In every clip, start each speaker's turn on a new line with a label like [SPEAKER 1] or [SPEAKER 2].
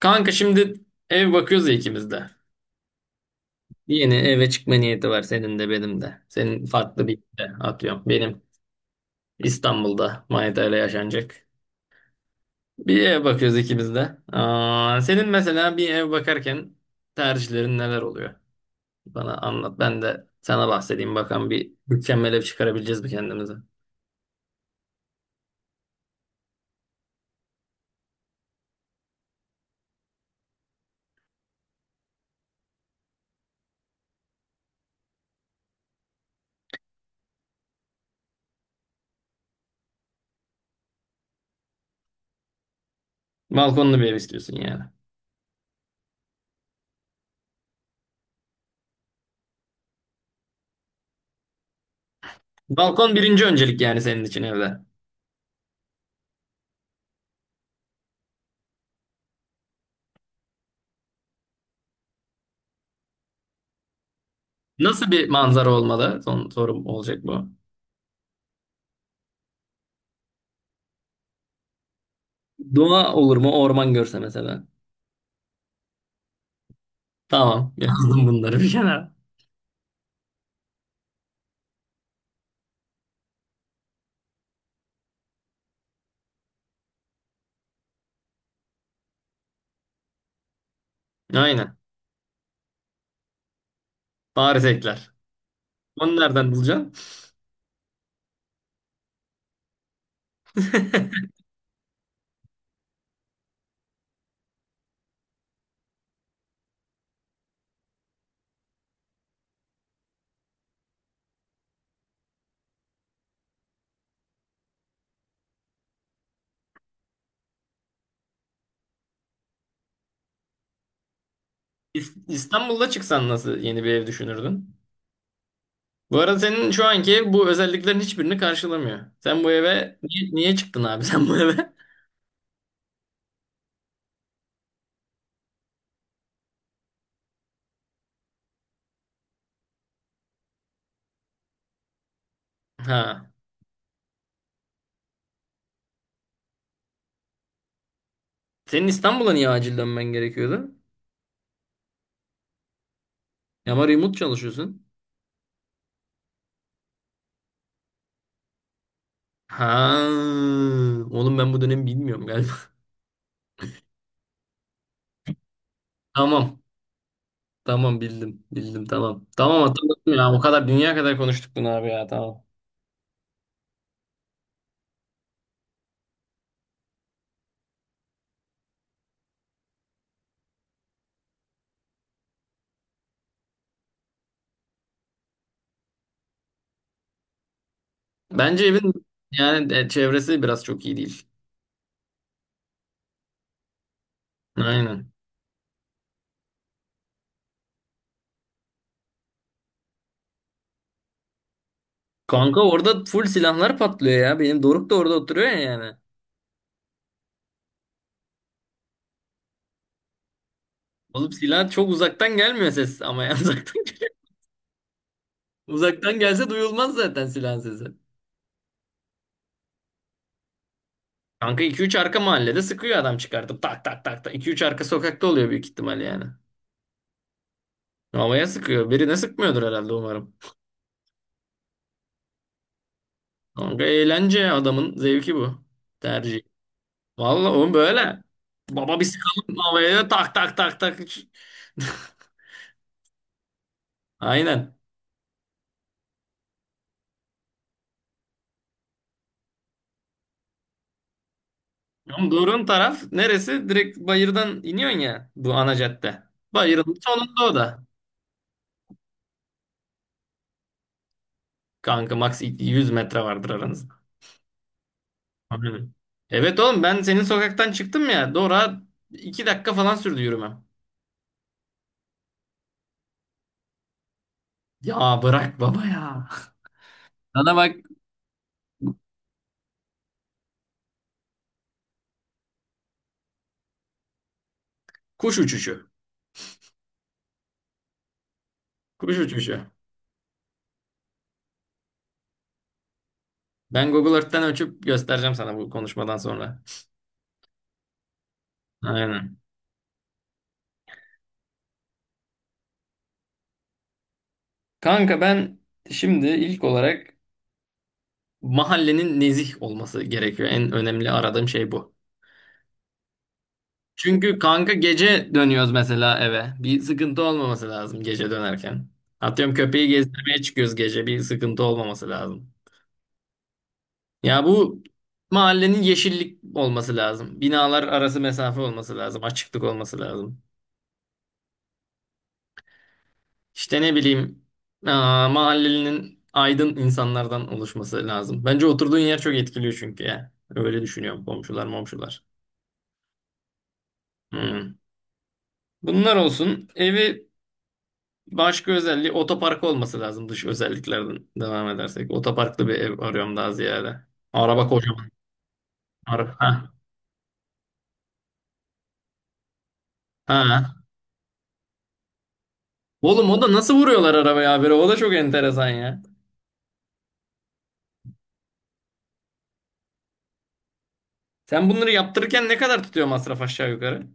[SPEAKER 1] Kanka şimdi ev bakıyoruz ya ikimiz de. Yeni eve çıkma niyeti var senin de benim de. Senin farklı bir de atıyorum. Benim İstanbul'da Manita ile yaşanacak. Bir ev bakıyoruz ikimiz de. Aa, senin mesela bir ev bakarken tercihlerin neler oluyor? Bana anlat. Ben de sana bahsedeyim. Bakalım bir mükemmel ev çıkarabileceğiz mi kendimize? Balkonlu bir ev istiyorsun yani. Balkon birinci öncelik yani senin için evde. Nasıl bir manzara olmalı? Son sorum olacak bu. Doğa olur mu? Orman görse mesela. Tamam. Yazdım bunları bir kenara. Aynen. Bari ekler. Onu nereden bulacaksın? İstanbul'da çıksan nasıl yeni bir ev düşünürdün? Bu arada senin şu anki ev bu özelliklerin hiçbirini karşılamıyor. Sen bu eve niye çıktın abi sen bu eve? Ha. Senin İstanbul'a niye acil dönmen gerekiyordu? Ama remote çalışıyorsun. Ha. Oğlum ben bu dönemi bilmiyorum galiba. Tamam. Tamam bildim. Bildim tamam. Tamam hatırladım ya. O kadar dünya kadar konuştuk bunu abi ya. Tamam. Bence evin yani çevresi biraz çok iyi değil. Aynen. Kanka orada full silahlar patlıyor ya. Benim Doruk da orada oturuyor ya yani. Oğlum silah çok uzaktan gelmiyor ses ama ya uzaktan geliyor. Uzaktan gelse duyulmaz zaten silahın sesi. Kanka iki üç arka mahallede sıkıyor adam çıkartıp tak tak tak tak. İki üç arka sokakta oluyor büyük ihtimal yani. Havaya sıkıyor. Birine sıkmıyordur herhalde umarım. Kanka eğlence adamın zevki bu. Tercih. Vallahi oğlum böyle. Baba bir sıkalım havaya tak tak tak tak. Aynen. Ama Doğru'nun taraf neresi? Direkt bayırdan iniyorsun ya bu ana cadde. Bayırın sonunda o da. Kanka max 100 metre vardır aranızda. Aynen. Evet oğlum ben senin sokaktan çıktım ya. Doğru 2 dakika falan sürdü yürümem. Ya bırak baba ya. Sana bak kuş uçuşu. Kuş uçuşu. Ben Google Earth'ten ölçüp göstereceğim sana bu konuşmadan sonra. Aynen. Kanka ben şimdi ilk olarak mahallenin nezih olması gerekiyor. En önemli aradığım şey bu. Çünkü kanka gece dönüyoruz mesela eve. Bir sıkıntı olmaması lazım gece dönerken. Atıyorum köpeği gezdirmeye çıkıyoruz gece. Bir sıkıntı olmaması lazım. Ya bu mahallenin yeşillik olması lazım. Binalar arası mesafe olması lazım. Açıklık olması lazım. İşte ne bileyim, aa, mahallenin aydın insanlardan oluşması lazım. Bence oturduğun yer çok etkiliyor çünkü ya. Öyle düşünüyorum komşular momşular. Hmm. Bunlar olsun. Evi. Başka özelliği otopark olması lazım dış özelliklerden devam edersek. Otoparklı bir ev arıyorum daha ziyade. Araba kocaman. Araba ha. Ha. Oğlum o da nasıl vuruyorlar arabaya habire? O da çok enteresan ya. Sen bunları yaptırırken ne kadar tutuyor masraf aşağı yukarı?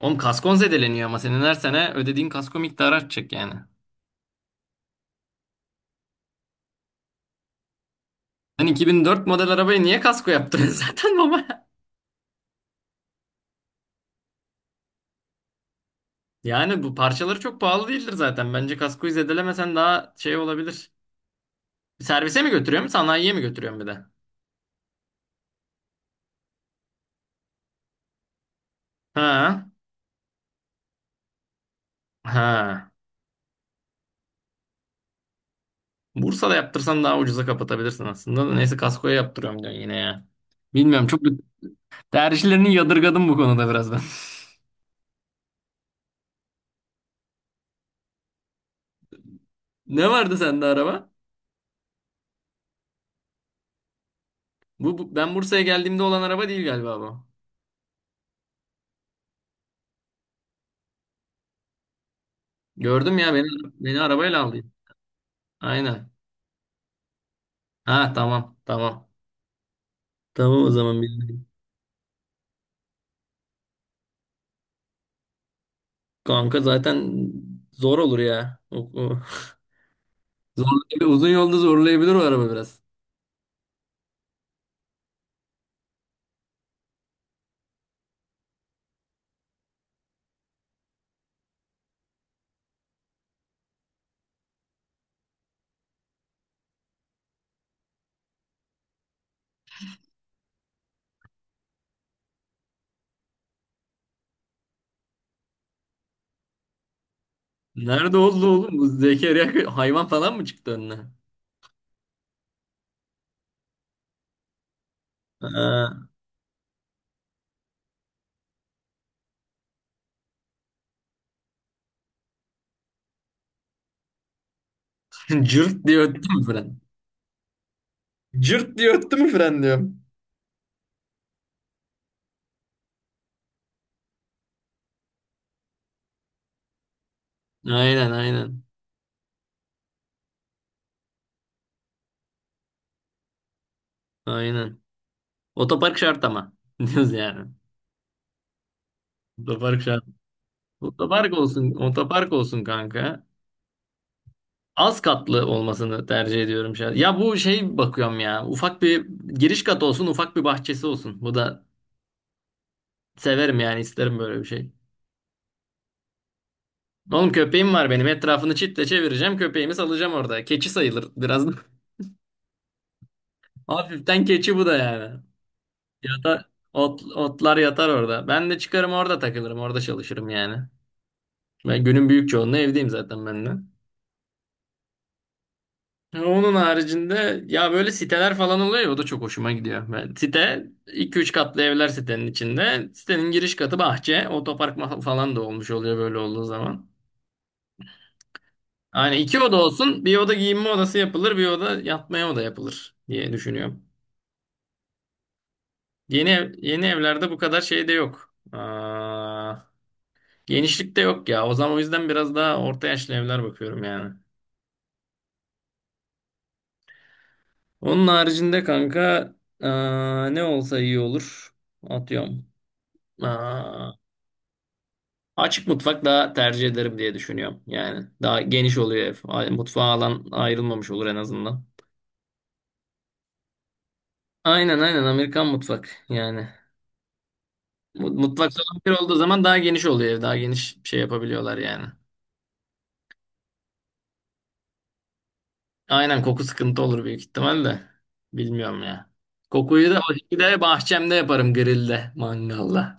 [SPEAKER 1] Oğlum kaskon zedeleniyor ama senin her sene ödediğin kasko miktarı artacak yani. Sen 2004 model arabaya niye kasko yaptırıyorsun zaten baba? Yani bu parçaları çok pahalı değildir zaten. Bence kaskoyu zedelemesen daha şey olabilir. Servise mi götürüyorum, sanayiye mi götürüyorum bir de? Ha. Ha. Bursa'da yaptırsan daha ucuza kapatabilirsin aslında. Da. Neyse kaskoya yaptırıyorum diyorsun yine ya. Bilmiyorum, çok tercihlerini yadırgadım bu konuda biraz ben. Ne vardı sende araba? Ben Bursa'ya geldiğimde olan araba değil galiba bu. Gördüm ya, beni arabayla aldı. Aynen. Ha, tamam tamam. Tamam o zaman bildim. Kanka zaten zor olur ya. Zorlayabilir, uzun yolda zorlayabilir o araba biraz. Nerede oldu oğlum? Bu Zekeriya hayvan falan mı çıktı önüne? Ha. Cırt diye öttü mü fren? Cırt diye öttü mü fren diyorum. Aynen aynen. Aynen. Otopark şart ama. Diyoruz yani. Otopark şart. Otopark olsun. Otopark olsun kanka. Az katlı olmasını tercih ediyorum şahsen. Ya bu şey bakıyorum ya. Ufak bir giriş katı olsun. Ufak bir bahçesi olsun. Bu da severim yani. İsterim böyle bir şey. Oğlum köpeğim var benim. Etrafını çitle çevireceğim. Köpeğimi salacağım orada. Keçi sayılır biraz. Hafiften keçi bu da yani. Yatar, ot, otlar yatar orada. Ben de çıkarım orada takılırım. Orada çalışırım yani. Ben günün büyük çoğunluğu evdeyim zaten ben de. Onun haricinde ya böyle siteler falan oluyor ya, o da çok hoşuma gidiyor. Ben, site iki üç katlı evler sitenin içinde. Sitenin giriş katı bahçe. Falan da olmuş oluyor böyle olduğu zaman. Yani iki oda olsun. Bir oda giyinme odası yapılır. Bir oda yatmaya oda yapılır diye düşünüyorum. Yeni evlerde bu kadar şey de yok. Aa, genişlik de yok ya. O zaman o yüzden biraz daha orta yaşlı evler bakıyorum yani. Onun haricinde kanka, aa, ne olsa iyi olur. Atıyorum. Aa, açık mutfak daha tercih ederim diye düşünüyorum. Yani daha geniş oluyor ev. Mutfağa alan ayrılmamış olur en azından. Aynen aynen, Amerikan mutfak yani. Mutfak salonu bir olduğu zaman daha geniş oluyor ev. Daha geniş şey yapabiliyorlar yani. Aynen, koku sıkıntı olur büyük ihtimalle. Bilmiyorum ya. Kokuyu da o şekilde bahçemde yaparım grillde, mangalda.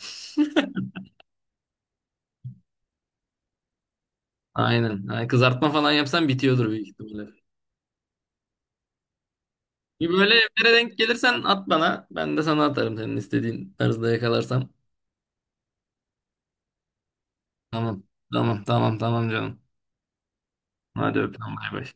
[SPEAKER 1] Aynen. Yani kızartma falan yapsan bitiyordur büyük ihtimalle. Bir böyle evlere denk gelirsen at bana. Ben de sana atarım senin istediğin tarzda yakalarsam. Tamam. Tamam. Tamam. Tamam canım. Hadi öptüm. Bay bay.